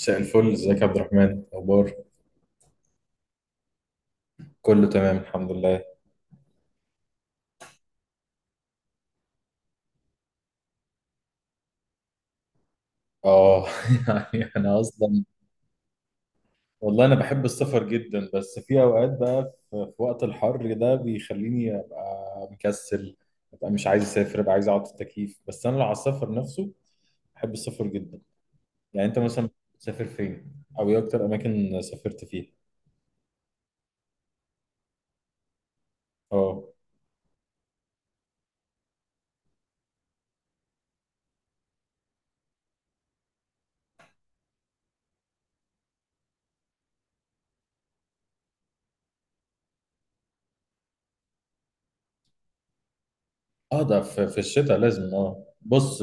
مساء الفل، ازيك يا عبد الرحمن؟ اخبار كله تمام الحمد لله. اه يعني انا اصلا والله انا بحب السفر جدا، بس في اوقات بقى في وقت الحر ده بيخليني ابقى مكسل، ابقى مش عايز اسافر، ابقى عايز اقعد في التكييف، بس انا لو على السفر نفسه بحب السفر جدا. يعني انت مثلا بتسافر فين او ايه اكتر اماكن سافرت فيها؟ اه اه ده في الشتاء لازم، اه بص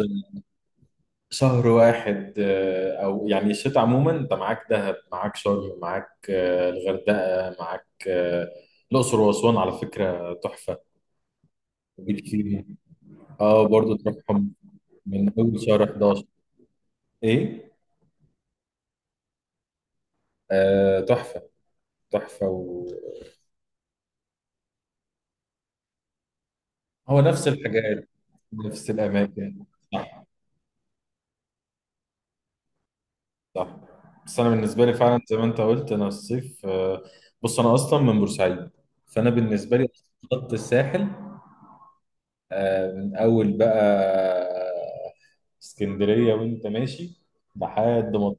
شهر واحد، او يعني الشتاء عموما انت معاك دهب، معاك شرم، معاك الغردقه، معاك الاقصر واسوان، على فكره تحفه. وجيت فيهم؟ اه برضه تروحهم من اول شهر 11. ايه؟ آه تحفه. تحفه هو نفس الحاجات، نفس الاماكن. صح صح. بس انا بالنسبه لي فعلا زي ما انت قلت انا الصيف، بص انا اصلا من بورسعيد، فانا بالنسبه لي خط الساحل، من اول بقى اسكندريه وانت ماشي لحد ما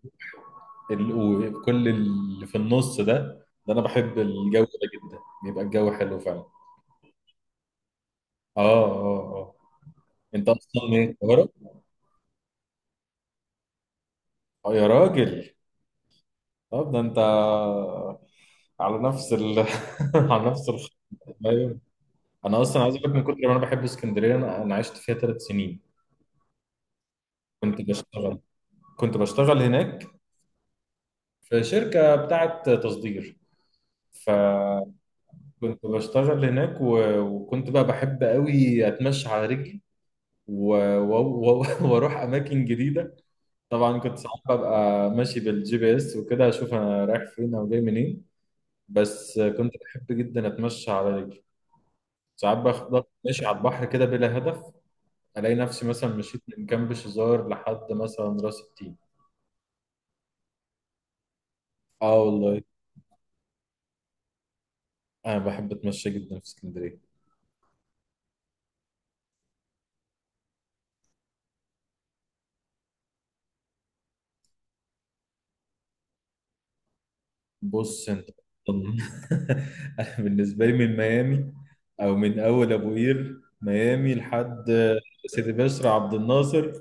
وكل اللي في النص ده، ده انا بحب الجو ده جدا، بيبقى الجو حلو فعلا. اه اه اه. انت اصلا من القاهره؟ اه يا راجل، طب ده انت على نفس ال على نفس الخط. ايوه. انا اصلا عايز اقول لك من كتر ما انا بحب اسكندريه، انا عشت فيها ثلاث سنين. كنت بشتغل كنت بشتغل هناك في شركه بتاعه تصدير. ف كنت بشتغل هناك وكنت بقى بحب قوي اتمشى على رجلي و... و... و... واروح اماكن جديده. طبعا كنت ساعات ببقى ماشي بالجي بي اس وكده، اشوف انا رايح فين او جاي منين. بس كنت بحب جدا اتمشى على رجلي. ساعات باخد ماشي على البحر كده بلا هدف، الاقي نفسي مثلا مشيت من كامب شزار لحد مثلا راس التين. اه والله انا بحب اتمشى جدا في اسكندريه. بص انت، طبعاً. انا بالنسبه لي من ميامي، او من اول ابو قير ميامي لحد سيدي بشر عبد الناصر،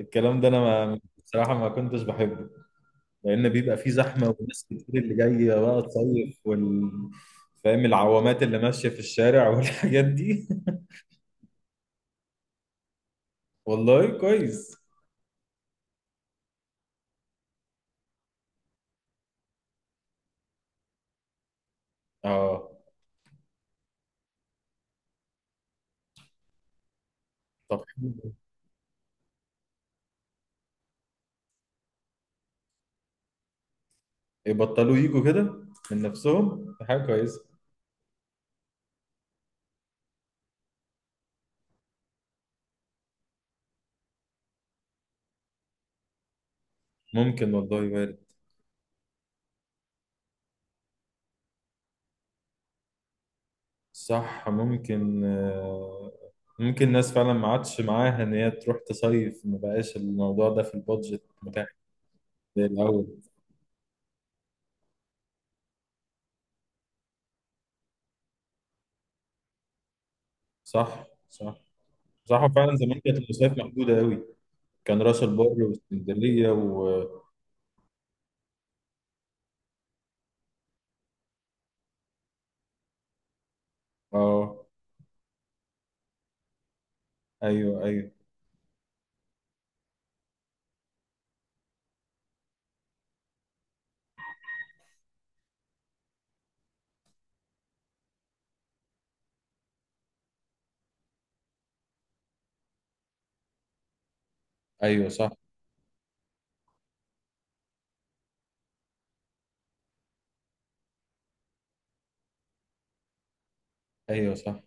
الكلام ده انا ما بصراحه ما كنتش بحبه، لان بيبقى فيه زحمه وناس كتير اللي جايه بقى تصيف، فاهم، العوامات اللي ماشيه في الشارع والحاجات دي. والله كويس. اه طب حلو. يبطلوا يجوا كده من نفسهم، دي حاجه كويسه. ممكن والله، وارد. صح ممكن، ممكن الناس فعلا ما عادش معاها ان هي تروح تصيف، ما بقاش الموضوع ده في البادجت متاح زي الاول. صح صح. صح فعلا زمان كانت المصايف محدوده قوي، كان راس البر واسكندريه و اه. ايوه ايوه. ايوه صح. ايوه صح.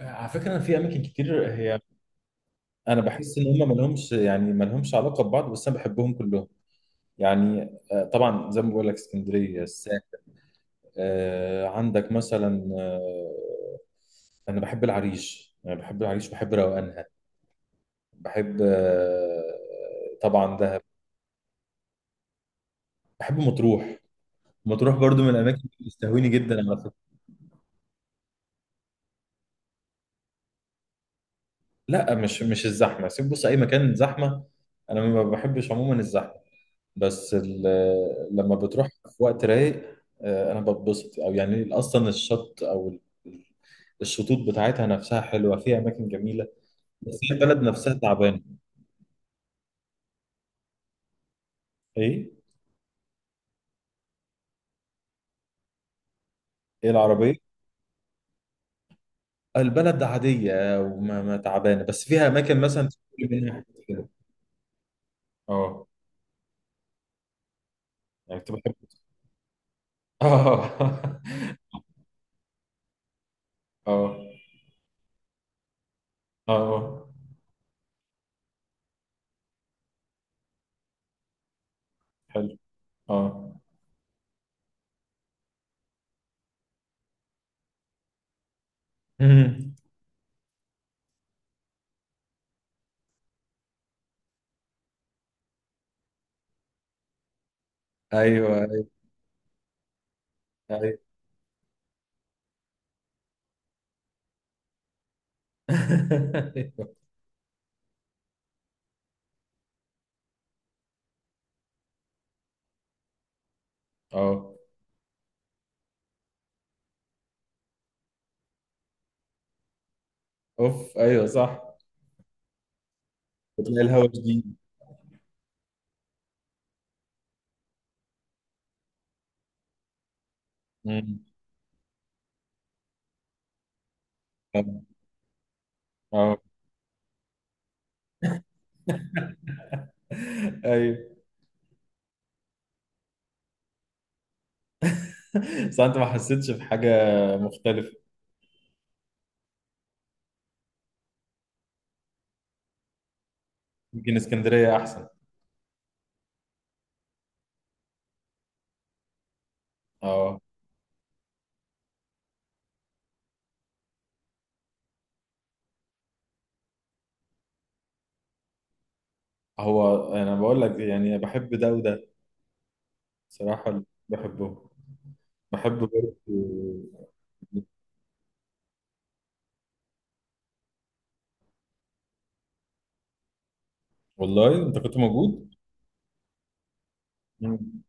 على فكرة في أماكن كتير، هي انا بحس ان هم مالهمش علاقه ببعض، بس انا بحبهم كلهم. يعني طبعا زي ما بقول لك اسكندريه، الساحل، عندك مثلا، انا بحب العريش بحب روقانها. بحب طبعا دهب. بحب مطروح. مطروح برضو من الاماكن اللي بتستهويني جدا على فكره. لا مش الزحمه، سيب بص اي مكان زحمه، انا ما بحبش عموما الزحمه، بس لما بتروح في وقت رايق، انا بتبسط. او يعني اصلا الشط او الشطوط بتاعتها نفسها حلوه، فيها اماكن جميله. بس هي البلد نفسها تعبانه. ايه؟ ايه العربيه؟ البلد عادية، وما ما تعبانة، بس فيها أماكن مثلا تاكل منها حاجات كده. اه يعني كنت بحب. اه اه اه حلو. اه مم. أيوه أيوه. أيوه أيوه. اه أوف أيوه صح. بتلاقي الهوا جديد. مم. اه آه. أيوه. بس أنت ما حسيتش بحاجة مختلفة؟ يمكن اسكندرية أحسن. أه. هو أنا بقول لك يعني بحب ده وده صراحة. بحبه، بحب برضه. والله انت كنت موجود؟ مم.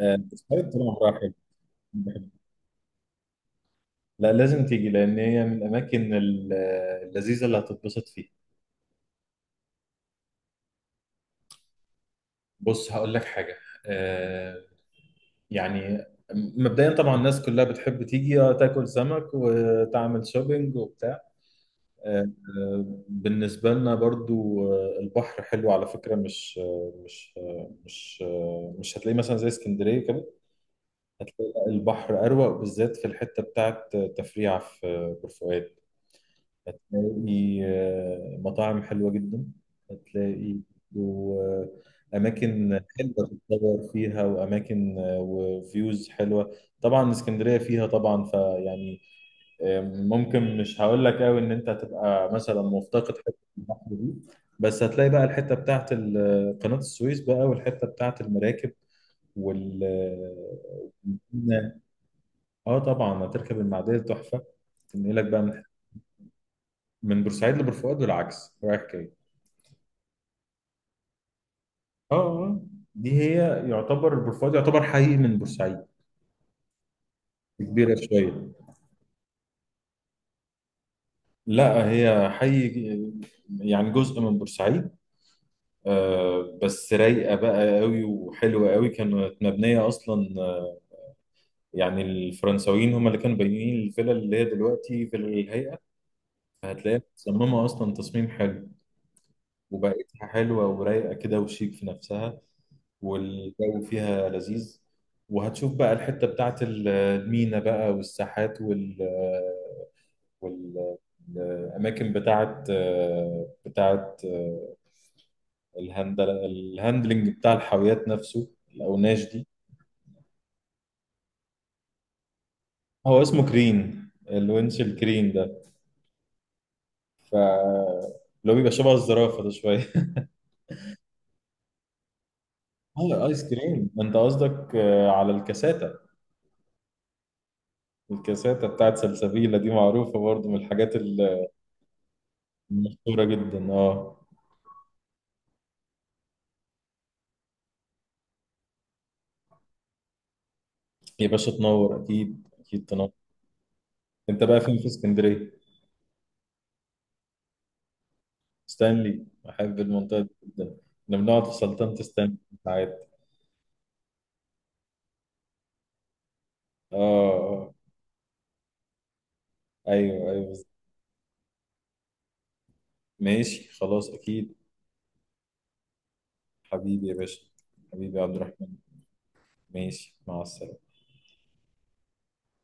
آه، سايد طول عمرها حلوة. بحب. لا لازم تيجي، لان هي من الاماكن اللذيذه اللي هتتبسط فيها. بص هقول لك حاجه، آه، يعني مبدئيا طبعا الناس كلها بتحب تيجي تاكل سمك وتعمل شوبينج وبتاع، آه، بالنسبه لنا برضو البحر حلو على فكره، مش مش هتلاقيه مثلا زي اسكندريه كده. هتلاقي البحر أروق، بالذات في الحتة بتاعت تفريع في بورسعيد. هتلاقي مطاعم حلوة جدا. هتلاقي وأماكن حلوة تتصور فيها، وأماكن وفيوز حلوة. طبعا اسكندرية فيها طبعا فيعني، ممكن مش هقول لك قوي إن أنت هتبقى مثلا مفتقد حتة البحر دي، بس هتلاقي بقى الحتة بتاعت قناة السويس بقى، والحتة بتاعت المراكب وال آه، اه طبعا هتركب المعديه تحفه، تنقلك بقى من من بورسعيد لبورفؤاد والعكس رايح جاي. اه آه. دي هي، يعتبر بورفؤاد يعتبر حي من بورسعيد كبيره شويه. لا هي حي، يعني جزء من بورسعيد، آه بس رايقه بقى قوي وحلوه قوي. كانت مبنيه اصلا، يعني الفرنساويين هم اللي كانوا بانيين الفيلا اللي هي دلوقتي فيلا الهيئه، فهتلاقيها متصممه اصلا تصميم حلو. وبقيتها حلوه ورايقه كده وشيك في نفسها، والجو فيها لذيذ. وهتشوف بقى الحتة بتاعت المينا بقى، والساحات وال وال- الأماكن بتاعت الهاندلنج بتاع الحاويات نفسه، الأوناش دي. هو اسمه كرين، الونش الكرين ده، ف لو بيبقى شبه الزرافة ده شوية. اه ايس كريم، انت قصدك على الكاساتا. الكاساتا بتاعت سلسبيلة دي معروفة برضو من الحاجات المشهورة جدا. اه يا باشا تنور، اكيد اكيد تنور. انت بقى فين في اسكندريه؟ ستانلي احب المنطقه دي جدا، احنا بنقعد في سلطنه ستانلي ساعات. اه آه. ايوه ايوه. ماشي خلاص اكيد. حبيبي يا باشا، حبيبي يا عبد الرحمن. ماشي مع السلامه.